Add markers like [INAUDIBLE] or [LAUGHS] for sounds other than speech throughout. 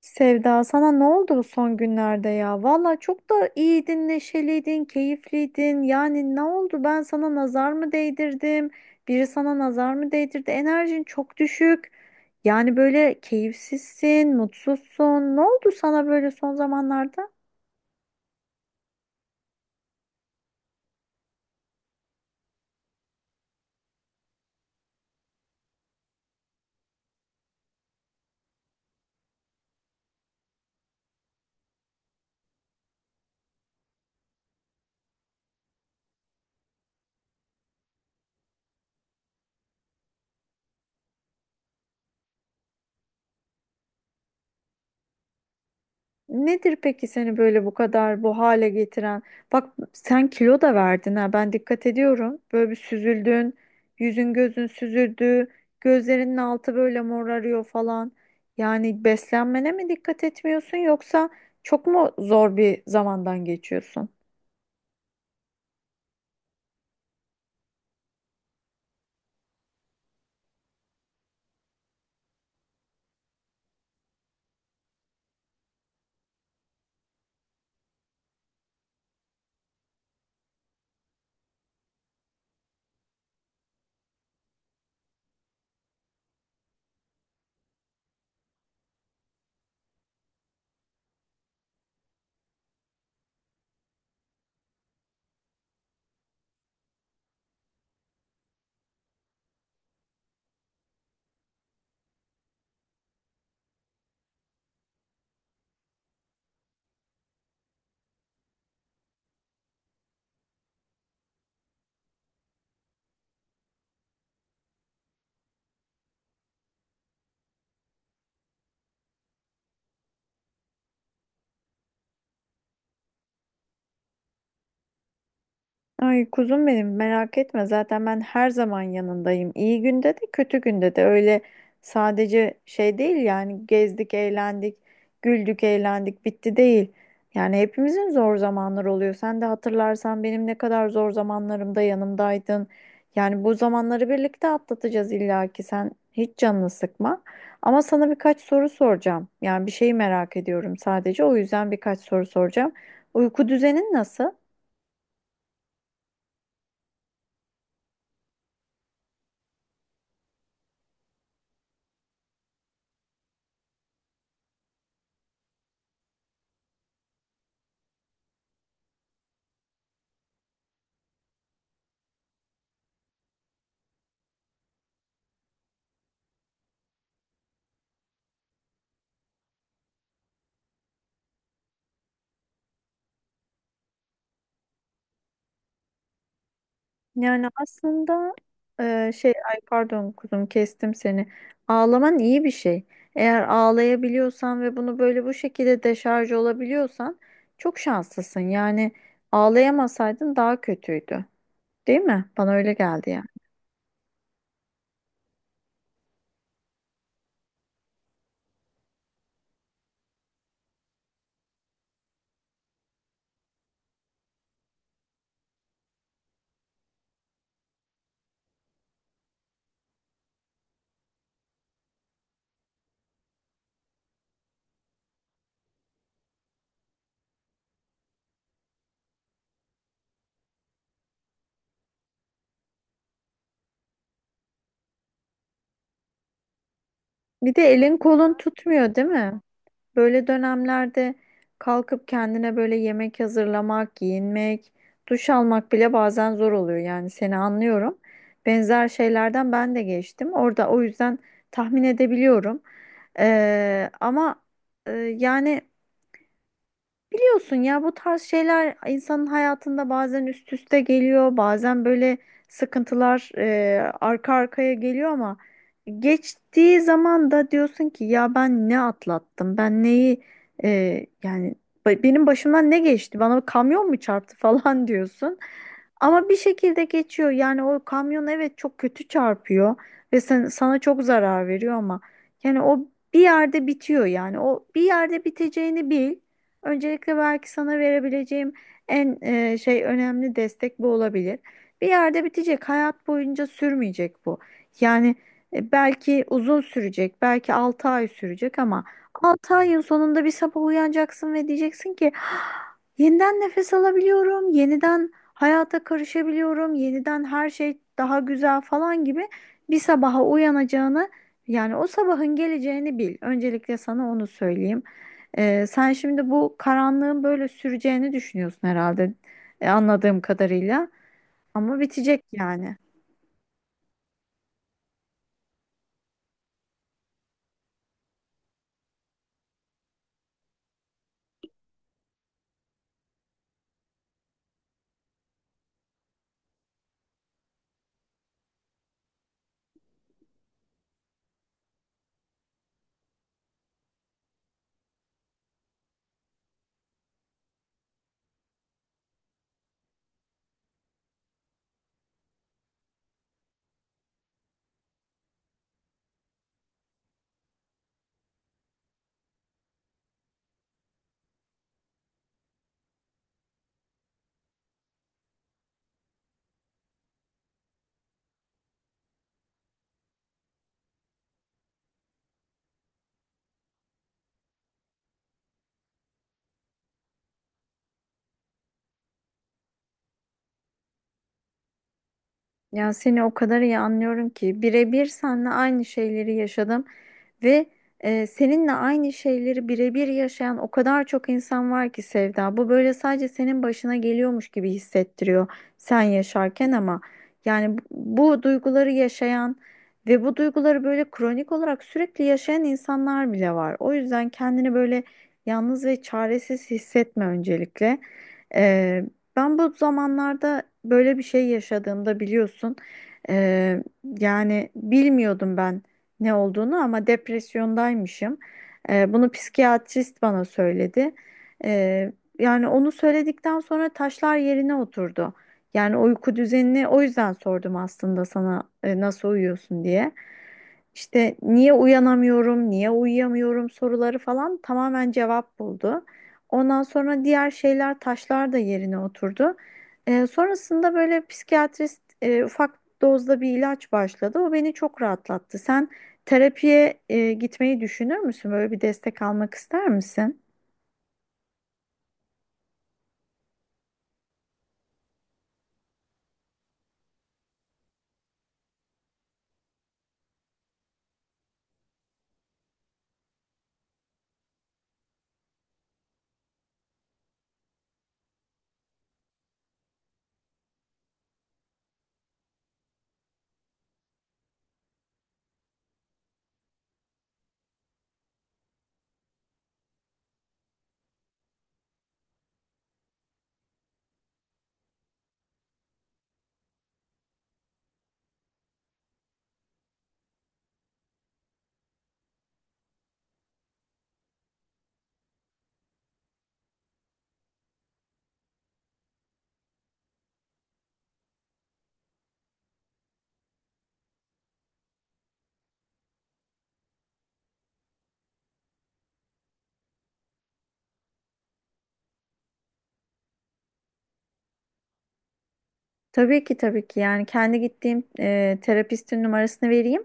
Sevda sana ne oldu bu son günlerde ya? Valla çok da iyiydin, neşeliydin, keyifliydin. Yani ne oldu? Ben sana nazar mı değdirdim? Biri sana nazar mı değdirdi? Enerjin çok düşük. Yani böyle keyifsizsin, mutsuzsun. Ne oldu sana böyle son zamanlarda? Nedir peki seni böyle bu kadar bu hale getiren? Bak sen kilo da verdin ha, ben dikkat ediyorum. Böyle bir süzüldün, yüzün gözün süzüldü, gözlerinin altı böyle morarıyor falan. Yani beslenmene mi dikkat etmiyorsun yoksa çok mu zor bir zamandan geçiyorsun? Ay kuzum benim, merak etme, zaten ben her zaman yanındayım. İyi günde de kötü günde de. Öyle sadece şey değil yani, gezdik eğlendik, güldük eğlendik, bitti değil. Yani hepimizin zor zamanları oluyor. Sen de hatırlarsan benim ne kadar zor zamanlarımda yanımdaydın. Yani bu zamanları birlikte atlatacağız illa ki, sen hiç canını sıkma. Ama sana birkaç soru soracağım. Yani bir şeyi merak ediyorum sadece, o yüzden birkaç soru soracağım. Uyku düzenin nasıl? Yani aslında ay pardon kuzum, kestim seni. Ağlaman iyi bir şey. Eğer ağlayabiliyorsan ve bunu böyle bu şekilde deşarj olabiliyorsan çok şanslısın. Yani ağlayamasaydın daha kötüydü. Değil mi? Bana öyle geldi yani. Bir de elin kolun tutmuyor, değil mi? Böyle dönemlerde kalkıp kendine böyle yemek hazırlamak, giyinmek, duş almak bile bazen zor oluyor. Yani seni anlıyorum. Benzer şeylerden ben de geçtim. Orada o yüzden tahmin edebiliyorum. Ama yani biliyorsun ya, bu tarz şeyler insanın hayatında bazen üst üste geliyor, bazen böyle sıkıntılar arka arkaya geliyor ama geçtiği zaman da diyorsun ki ya ben ne atlattım, ben neyi e, yani benim başımdan ne geçti, bana kamyon mu çarptı [LAUGHS] falan diyorsun. Ama bir şekilde geçiyor yani, o kamyon evet çok kötü çarpıyor ve sana çok zarar veriyor ama yani o bir yerde bitiyor, yani o bir yerde biteceğini bil. Öncelikle belki sana verebileceğim en önemli destek bu olabilir. Bir yerde bitecek, hayat boyunca sürmeyecek bu. Yani belki uzun sürecek, belki 6 ay sürecek ama 6 ayın sonunda bir sabah uyanacaksın ve diyeceksin ki "Ah, yeniden nefes alabiliyorum, yeniden hayata karışabiliyorum, yeniden her şey daha güzel" falan gibi bir sabaha uyanacağını, yani o sabahın geleceğini bil. Öncelikle sana onu söyleyeyim. Sen şimdi bu karanlığın böyle süreceğini düşünüyorsun herhalde, anladığım kadarıyla, ama bitecek yani. Ya seni o kadar iyi anlıyorum ki, birebir seninle aynı şeyleri yaşadım. Ve seninle aynı şeyleri birebir yaşayan o kadar çok insan var ki Sevda. Bu böyle sadece senin başına geliyormuş gibi hissettiriyor sen yaşarken, ama yani bu duyguları yaşayan ve bu duyguları böyle kronik olarak sürekli yaşayan insanlar bile var. O yüzden kendini böyle yalnız ve çaresiz hissetme öncelikle. E, ben bu zamanlarda böyle bir şey yaşadığımda biliyorsun. e, Yani bilmiyordum ben ne olduğunu, ama depresyondaymışım. Bunu psikiyatrist bana söyledi. Ee, yani onu söyledikten sonra taşlar yerine oturdu. Yani uyku düzenini o yüzden sordum aslında sana, nasıl uyuyorsun diye. İşte niye uyanamıyorum, niye uyuyamıyorum soruları falan tamamen cevap buldu. Ondan sonra diğer şeyler, taşlar da yerine oturdu. Sonrasında böyle psikiyatrist ufak dozda bir ilaç başladı. O beni çok rahatlattı. Sen terapiye gitmeyi düşünür müsün? Böyle bir destek almak ister misin? Tabii ki, tabii ki, yani kendi gittiğim terapistin numarasını vereyim.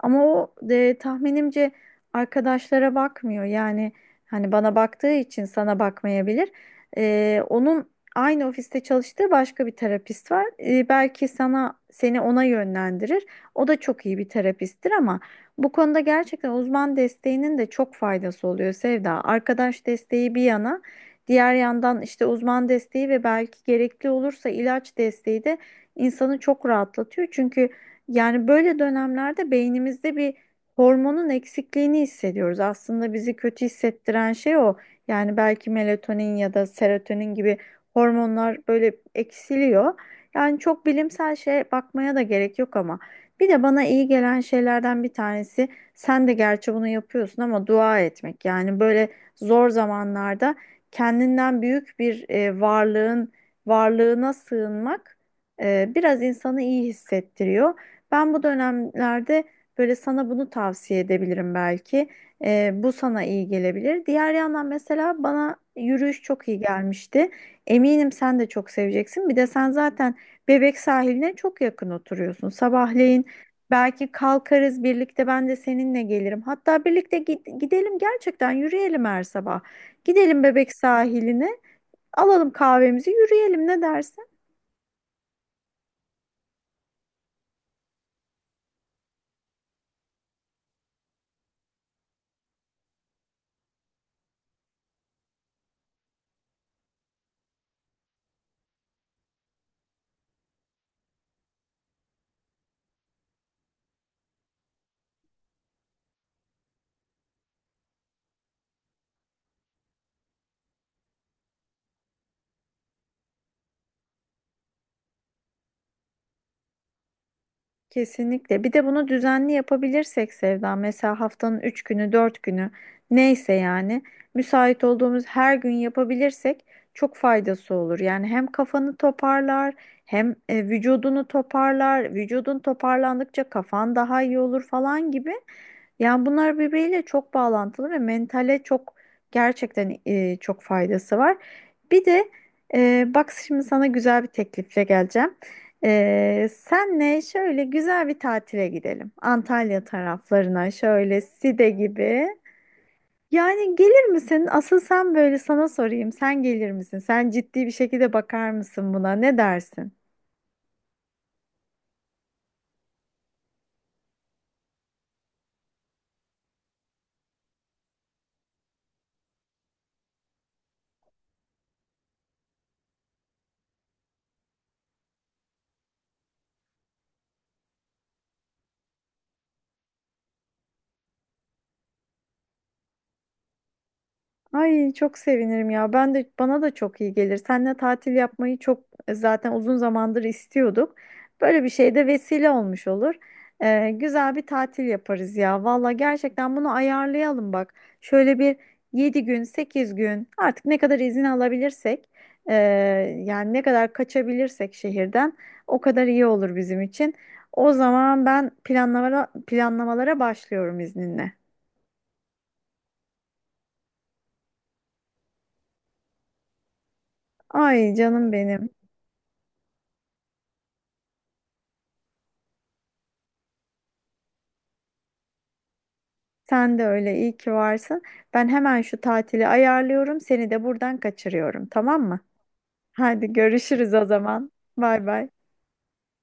Ama o tahminimce arkadaşlara bakmıyor. Yani hani bana baktığı için sana bakmayabilir. E, onun aynı ofiste çalıştığı başka bir terapist var. E, belki sana, seni ona yönlendirir. O da çok iyi bir terapisttir, ama bu konuda gerçekten uzman desteğinin de çok faydası oluyor Sevda. Arkadaş desteği bir yana. Diğer yandan işte uzman desteği ve belki gerekli olursa ilaç desteği de insanı çok rahatlatıyor. Çünkü yani böyle dönemlerde beynimizde bir hormonun eksikliğini hissediyoruz. Aslında bizi kötü hissettiren şey o. Yani belki melatonin ya da serotonin gibi hormonlar böyle eksiliyor. Yani çok bilimsel şeye bakmaya da gerek yok ama. Bir de bana iyi gelen şeylerden bir tanesi, sen de gerçi bunu yapıyorsun ama, dua etmek. Yani böyle zor zamanlarda kendinden büyük bir varlığına sığınmak biraz insanı iyi hissettiriyor. Ben bu dönemlerde böyle sana bunu tavsiye edebilirim belki. E, bu sana iyi gelebilir. Diğer yandan mesela bana yürüyüş çok iyi gelmişti. Eminim sen de çok seveceksin. Bir de sen zaten Bebek sahiline çok yakın oturuyorsun. Sabahleyin belki kalkarız birlikte, ben de seninle gelirim. Hatta birlikte gidelim gerçekten, yürüyelim her sabah. Gidelim Bebek sahiline, alalım kahvemizi, yürüyelim, ne dersin? Kesinlikle. Bir de bunu düzenli yapabilirsek Sevda, mesela haftanın 3 günü, 4 günü, neyse yani, müsait olduğumuz her gün yapabilirsek çok faydası olur. Yani hem kafanı toparlar, hem vücudunu toparlar. Vücudun toparlandıkça kafan daha iyi olur falan gibi. Yani bunlar birbiriyle çok bağlantılı ve mentale çok gerçekten çok faydası var. Bir de bak şimdi sana güzel bir teklifle geleceğim. Senle şöyle güzel bir tatile gidelim. Antalya taraflarına, şöyle Side gibi. Yani gelir misin? Asıl sen, böyle sana sorayım. Sen gelir misin? Sen ciddi bir şekilde bakar mısın buna? Ne dersin? Ay çok sevinirim ya. Ben de, bana da çok iyi gelir. Seninle tatil yapmayı çok zaten uzun zamandır istiyorduk. Böyle bir şey de vesile olmuş olur. Güzel bir tatil yaparız ya. Valla gerçekten bunu ayarlayalım bak. Şöyle bir 7 gün, 8 gün, artık ne kadar izin alabilirsek, ee, yani ne kadar kaçabilirsek şehirden, o kadar iyi olur bizim için. O zaman ben planlamalara başlıyorum izninle. Ay canım benim. Sen de öyle, iyi ki varsın. Ben hemen şu tatili ayarlıyorum. Seni de buradan kaçırıyorum, tamam mı? Hadi görüşürüz o zaman. Bay bay.